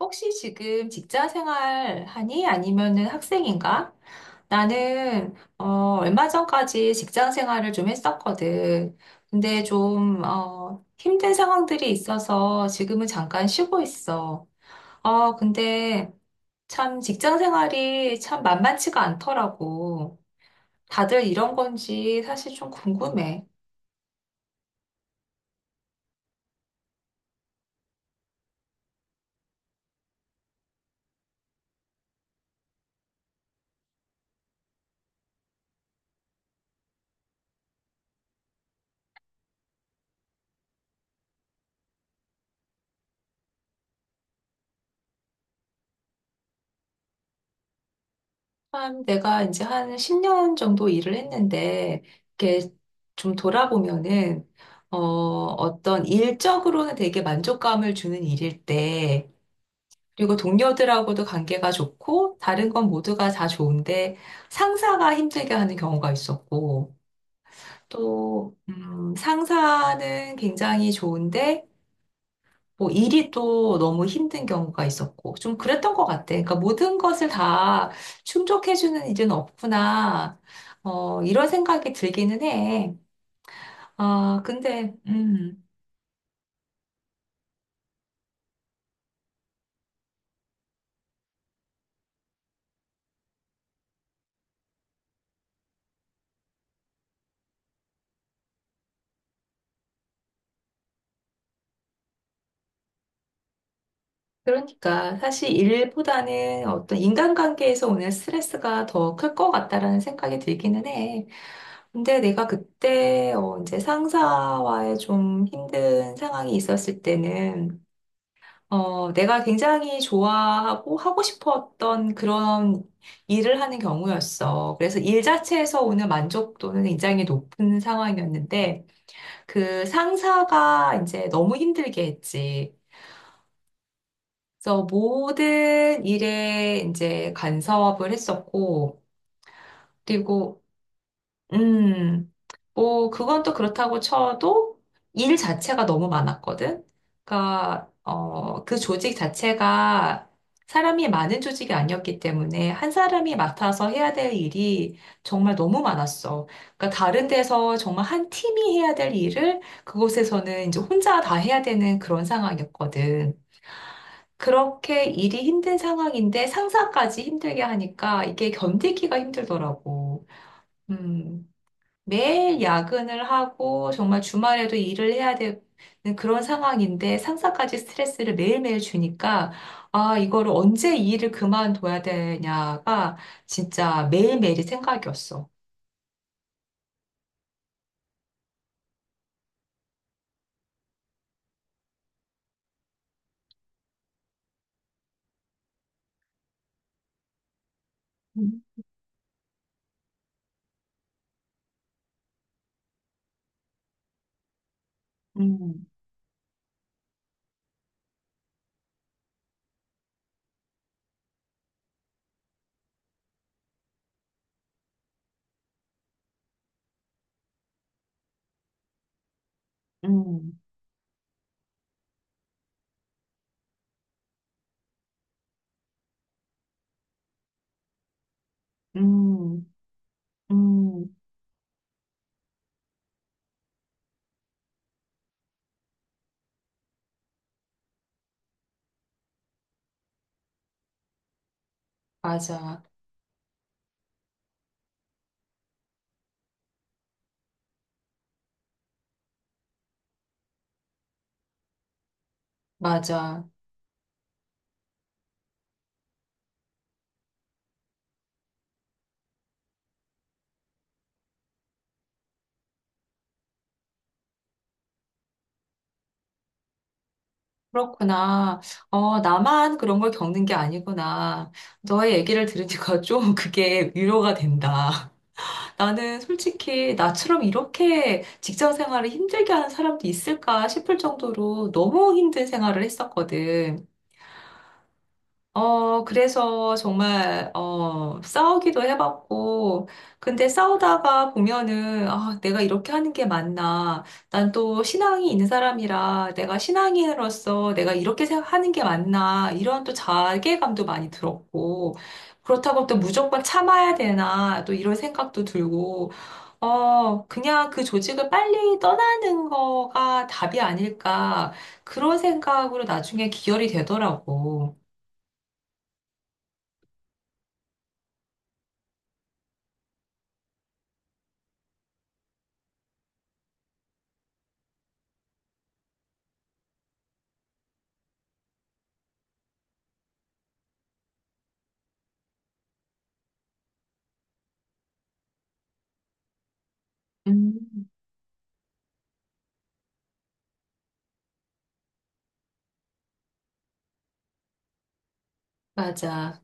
혹시 지금 직장 생활 하니? 아니면은 학생인가? 나는, 얼마 전까지 직장 생활을 좀 했었거든. 근데 좀, 힘든 상황들이 있어서 지금은 잠깐 쉬고 있어. 근데 참 직장 생활이 참 만만치가 않더라고. 다들 이런 건지 사실 좀 궁금해. 한 내가 이제 한 10년 정도 일을 했는데, 이렇게 좀 돌아보면은, 어떤 일적으로는 되게 만족감을 주는 일일 때, 그리고 동료들하고도 관계가 좋고, 다른 건 모두가 다 좋은데, 상사가 힘들게 하는 경우가 있었고, 또, 상사는 굉장히 좋은데, 뭐 일이 또 너무 힘든 경우가 있었고 좀 그랬던 것 같아. 그러니까 모든 것을 다 충족해주는 일은 없구나. 이런 생각이 들기는 해. 아, 근데 그러니까 사실 일보다는 어떤 인간관계에서 오는 스트레스가 더 클 것 같다라는 생각이 들기는 해. 근데 내가 그때 이제 상사와의 좀 힘든 상황이 있었을 때는 내가 굉장히 좋아하고 하고 싶었던 그런 일을 하는 경우였어. 그래서 일 자체에서 오는 만족도는 굉장히 높은 상황이었는데, 그 상사가 이제 너무 힘들게 했지. 그래서 모든 일에 이제 간섭을 했었고, 그리고, 음, 뭐, 그건 또 그렇다고 쳐도 일 자체가 너무 많았거든. 그러니까, 그 조직 자체가 사람이 많은 조직이 아니었기 때문에 한 사람이 맡아서 해야 될 일이 정말 너무 많았어. 그러니까 다른 데서 정말 한 팀이 해야 될 일을 그곳에서는 이제 혼자 다 해야 되는 그런 상황이었거든. 그렇게 일이 힘든 상황인데 상사까지 힘들게 하니까 이게 견디기가 힘들더라고. 음. 매일 야근을 하고 정말 주말에도 일을 해야 되는 그런 상황인데 상사까지 스트레스를 매일매일 주니까 아, 이거를 언제 이 일을 그만둬야 되냐가 진짜 매일매일이 생각이었어. 음. 음, 음, 음, 음, 맞아, 맞아. 그렇구나. 나만 그런 걸 겪는 게 아니구나. 너의 얘기를 들으니까 좀 그게 위로가 된다. 나는 솔직히 나처럼 이렇게 직장 생활을 힘들게 하는 사람도 있을까 싶을 정도로 너무 힘든 생활을 했었거든. 그래서 정말, 싸우기도 해봤고, 근데 싸우다가 보면은, 아, 내가 이렇게 하는 게 맞나. 난 또 신앙이 있는 사람이라 내가 신앙인으로서 내가 이렇게 생각하는 게 맞나. 이런 또 자괴감도 많이 들었고, 그렇다고 또 무조건 참아야 되나. 또 이런 생각도 들고, 그냥 그 조직을 빨리 떠나는 거가 답이 아닐까. 그런 생각으로 나중에 기결이 되더라고. 음, 맞아.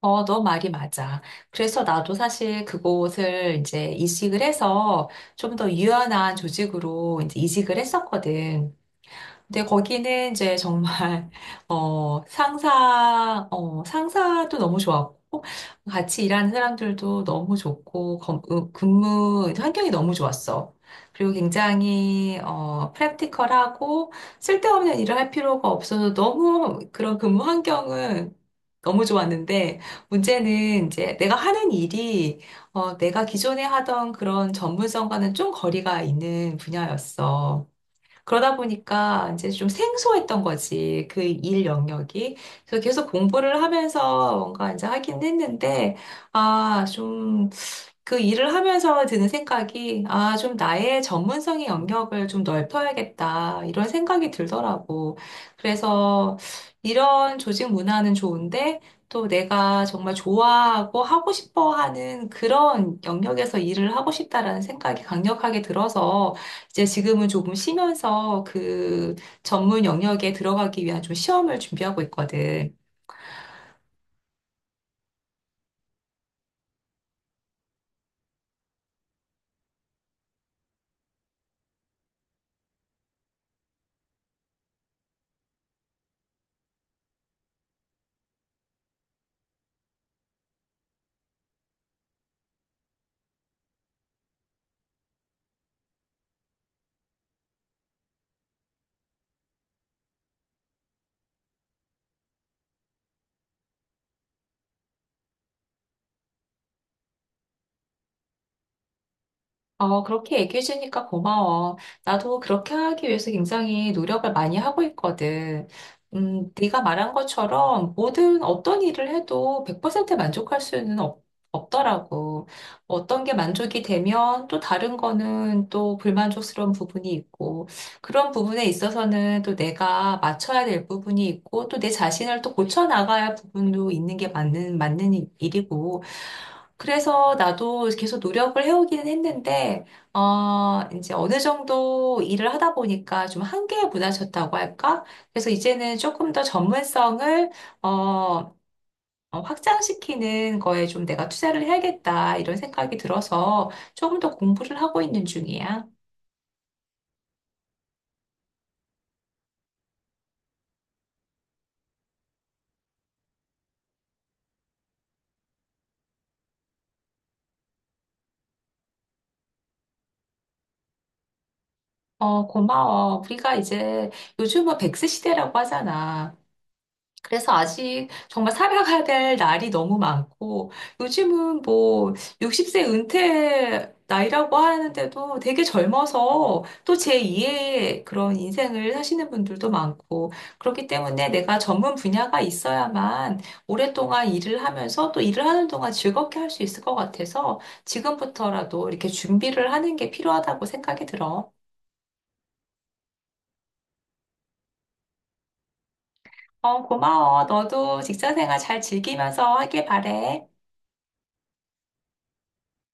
너 말이 맞아. 그래서 나도 사실 그곳을 이제 이식을 해서 좀 더 유연한 조직으로 이제 이식을 했었거든. 근데 거기는 이제 정말, 상사도 너무 좋았고, 같이 일하는 사람들도 너무 좋고, 근무 환경이 너무 좋았어. 그리고 굉장히, 프랙티컬하고, 쓸데없는 일을 할 필요가 없어서 너무 그런 근무 환경은 너무 좋았는데, 문제는 이제 내가 하는 일이, 내가 기존에 하던 그런 전문성과는 좀 거리가 있는 분야였어. 그러다 보니까 이제 좀 생소했던 거지, 그 일 영역이. 그래서 계속 공부를 하면서 뭔가 이제 하긴 했는데, 아, 좀 그 일을 하면서 드는 생각이, 아, 좀 나의 전문성의 영역을 좀 넓혀야겠다, 이런 생각이 들더라고. 그래서 이런 조직 문화는 좋은데, 또 내가 정말 좋아하고 하고 싶어 하는 그런 영역에서 일을 하고 싶다라는 생각이 강력하게 들어서, 이제 지금은 조금 쉬면서 그 전문 영역에 들어가기 위한 좀 시험을 준비하고 있거든. 그렇게 얘기해 주니까 고마워. 나도 그렇게 하기 위해서 굉장히 노력을 많이 하고 있거든. 네가 말한 것처럼 모든 어떤 일을 해도 100% 만족할 수는 없더라고. 어떤 게 만족이 되면 또 다른 거는 또 불만족스러운 부분이 있고, 그런 부분에 있어서는 또 내가 맞춰야 될 부분이 있고, 또 내 자신을 또 고쳐 나가야 할 부분도 있는 게 맞는 일이고, 그래서 나도 계속 노력을 해오기는 했는데, 이제 어느 정도 일을 하다 보니까 좀 한계에 부딪혔다고 할까? 그래서 이제는 조금 더 전문성을, 어, 확장시키는 거에 좀 내가 투자를 해야겠다, 이런 생각이 들어서 조금 더 공부를 하고 있는 중이야. 고마워. 우리가 이제 요즘은 백세 시대라고 하잖아. 그래서 아직 정말 살아가야 될 날이 너무 많고, 요즘은 뭐 60세 은퇴 나이라고 하는데도 되게 젊어서 또 제2의 그런 인생을 사시는 분들도 많고, 그렇기 때문에 내가 전문 분야가 있어야만 오랫동안 일을 하면서 또 일을 하는 동안 즐겁게 할 수 있을 것 같아서 지금부터라도 이렇게 준비를 하는 게 필요하다고 생각이 들어. 고마워. 너도 직장 생활 잘 즐기면서 하길 바래.